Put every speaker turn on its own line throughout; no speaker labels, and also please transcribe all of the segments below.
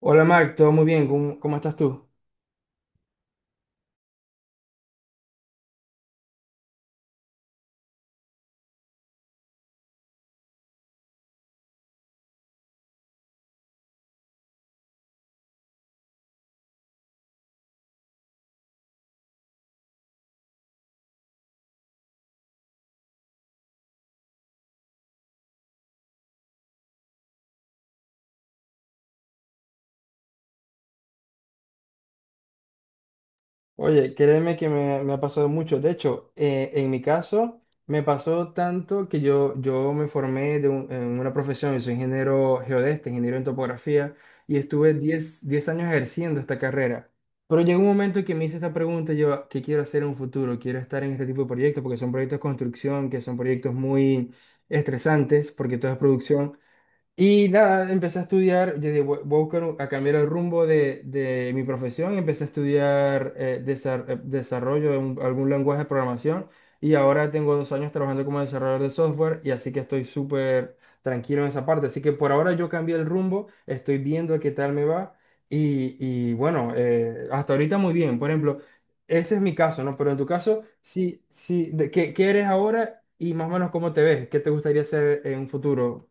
Hola Marc, todo muy bien, ¿cómo estás tú? Oye, créeme que me ha pasado mucho. De hecho, en mi caso, me pasó tanto que yo me formé en una profesión, yo soy ingeniero geodesta, ingeniero en topografía, y estuve diez años ejerciendo esta carrera. Pero llegó un momento que me hice esta pregunta, yo, ¿qué quiero hacer en un futuro? ¿Quiero estar en este tipo de proyectos? Porque son proyectos de construcción, que son proyectos muy estresantes, porque todo es producción. Y nada, empecé a estudiar, yo dije, voy a a cambiar el rumbo de mi profesión, empecé a estudiar desarrollo algún lenguaje de programación y ahora tengo 2 años trabajando como desarrollador de software, y así que estoy súper tranquilo en esa parte. Así que por ahora yo cambié el rumbo, estoy viendo qué tal me va y, y bueno, hasta ahorita muy bien. Por ejemplo, ese es mi caso, ¿no? Pero en tu caso, sí, sí, de, ¿qué eres ahora y más o menos cómo te ves? ¿Qué te gustaría hacer en un futuro?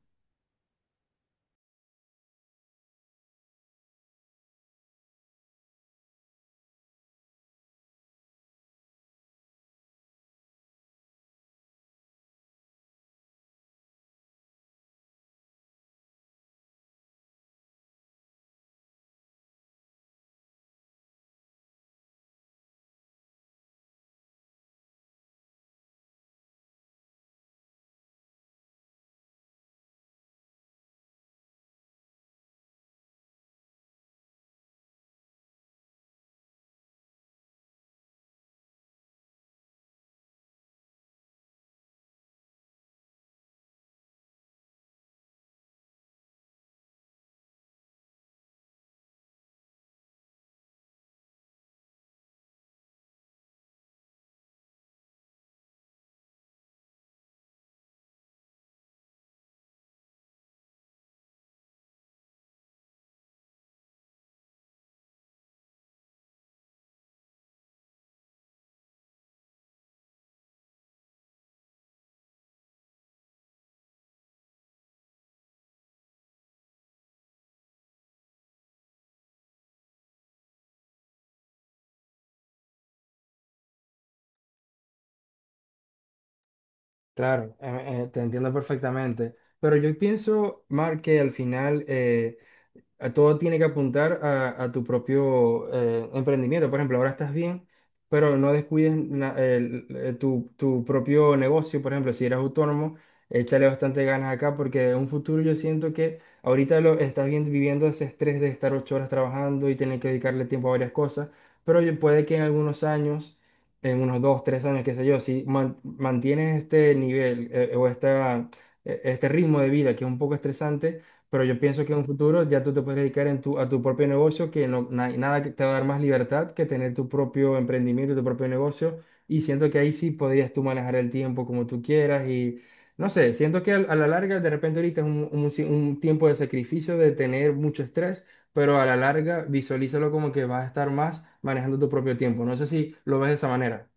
Claro, te entiendo perfectamente. Pero yo pienso, Mark, que al final, a todo tiene que apuntar a, a tu propio emprendimiento. Por ejemplo, ahora estás bien, pero no descuides tu, tu propio negocio. Por ejemplo, si eres autónomo, échale bastante ganas acá, porque en un futuro yo siento que ahorita lo estás viviendo ese estrés de estar 8 horas trabajando y tener que dedicarle tiempo a varias cosas, pero puede que en algunos años, en unos 2, 3 años, qué sé yo, si mantienes este nivel, este ritmo de vida que es un poco estresante, pero yo pienso que en un futuro ya tú te puedes dedicar a tu propio negocio, que nada que te va a dar más libertad que tener tu propio emprendimiento, tu propio negocio, y siento que ahí sí podrías tú manejar el tiempo como tú quieras y... No sé, siento que a la larga, de repente ahorita es un tiempo de sacrificio, de tener mucho estrés, pero a la larga visualízalo como que vas a estar más manejando tu propio tiempo. No sé si lo ves de esa manera.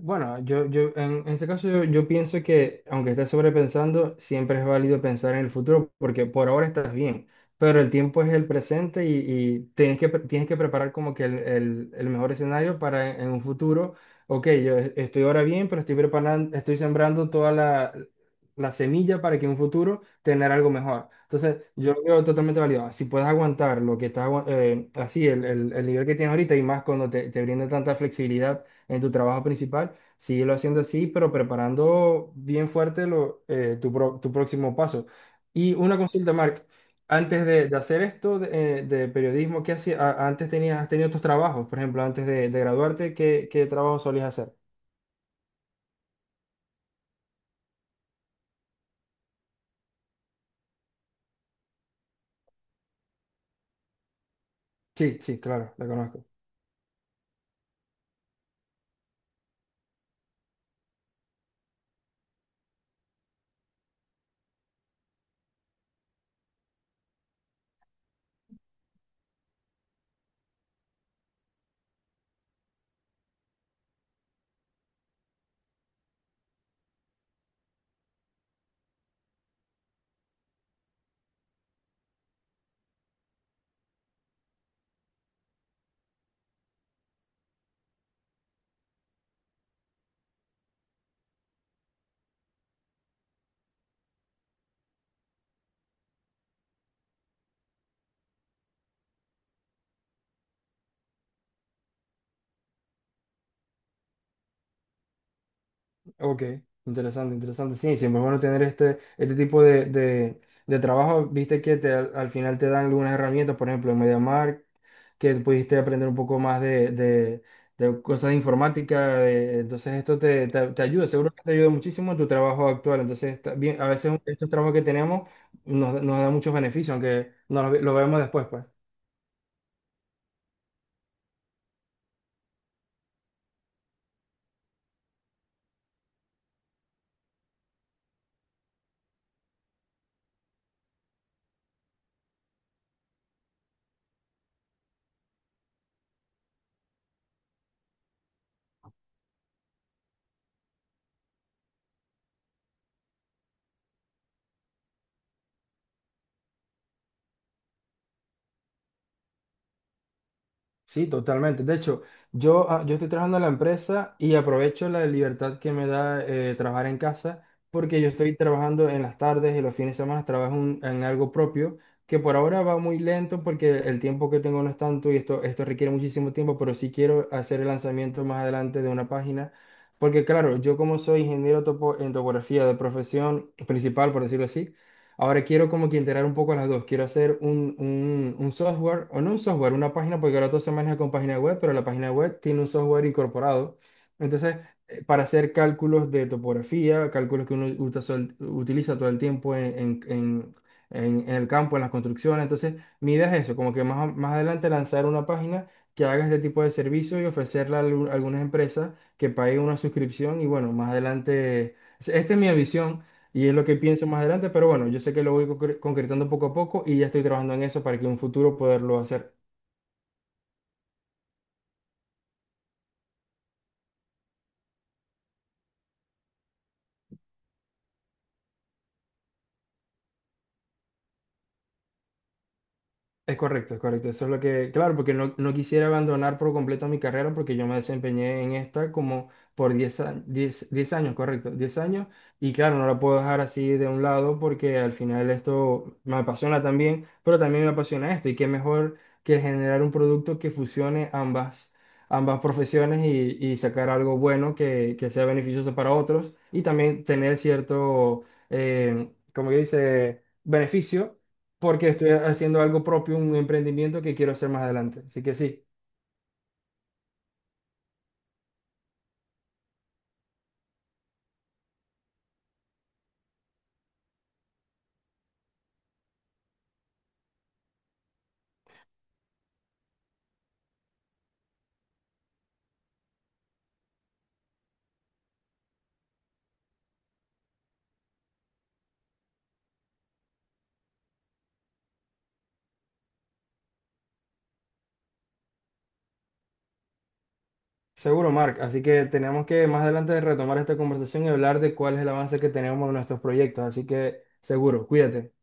Bueno, yo en este caso yo pienso que aunque estés sobrepensando, siempre es válido pensar en el futuro porque por ahora estás bien, pero el tiempo es el presente y tienes que, preparar como que el mejor escenario para en un futuro. Ok, yo estoy ahora bien, pero estoy preparando, estoy sembrando toda la semilla para que en un futuro tener algo mejor. Entonces, yo lo veo totalmente válido. Si puedes aguantar lo que estás, así, el nivel que tienes ahorita, y más cuando te brinda tanta flexibilidad en tu trabajo principal, síguelo haciendo así, pero preparando bien fuerte tu próximo paso. Y una consulta, Mark, antes de hacer esto de periodismo, ¿qué hacías? Antes tenías, has tenido otros trabajos, por ejemplo, antes de graduarte, ¿qué trabajo solías hacer? Sí, sí, claro, la conozco. Ok, interesante, interesante. Sí, siempre es bueno tener este tipo de trabajo. Viste que al final te dan algunas herramientas, por ejemplo, en MediaMarkt, que pudiste aprender un poco más de cosas de informática. Entonces, esto te ayuda, seguro que te ayuda muchísimo en tu trabajo actual. Entonces, está bien, a veces estos trabajos que tenemos nos dan muchos beneficios, aunque no lo vemos después, pues. Sí, totalmente. De hecho, yo estoy trabajando en la empresa y aprovecho la libertad que me da, trabajar en casa, porque yo estoy trabajando en las tardes, y los fines de semana trabajo en algo propio que por ahora va muy lento porque el tiempo que tengo no es tanto, y esto requiere muchísimo tiempo, pero sí quiero hacer el lanzamiento más adelante de una página, porque claro, yo como soy ingeniero en topografía de profesión principal, por decirlo así, ahora quiero como que integrar un poco las dos. Quiero hacer un software, o no un software, una página, porque ahora todo se maneja con página web, pero la página web tiene un software incorporado. Entonces, para hacer cálculos de topografía, cálculos que uno utiliza todo el tiempo en el campo, en las construcciones. Entonces, mi idea es eso, como que más, más adelante lanzar una página que haga este tipo de servicio y ofrecerla a algunas empresas que paguen una suscripción. Y bueno, más adelante, esta es mi ambición y es lo que pienso más adelante, pero bueno, yo sé que lo voy concretando poco a poco, y ya estoy trabajando en eso para que en un futuro poderlo hacer. Es correcto, es correcto. Eso es lo que, claro, porque no, no quisiera abandonar por completo mi carrera, porque yo me desempeñé en esta como por 10 años, 10 10 años, correcto, 10 años. Y claro, no la puedo dejar así de un lado porque al final esto me apasiona también, pero también me apasiona esto. Y qué mejor que generar un producto que fusione ambas, ambas profesiones, y sacar algo bueno que sea beneficioso para otros, y también tener cierto, eh, como que dice, beneficio, porque estoy haciendo algo propio, un emprendimiento que quiero hacer más adelante. Así que sí, seguro, Mark. Así que tenemos que más adelante retomar esta conversación y hablar de cuál es el avance que tenemos en nuestros proyectos. Así que seguro, cuídate.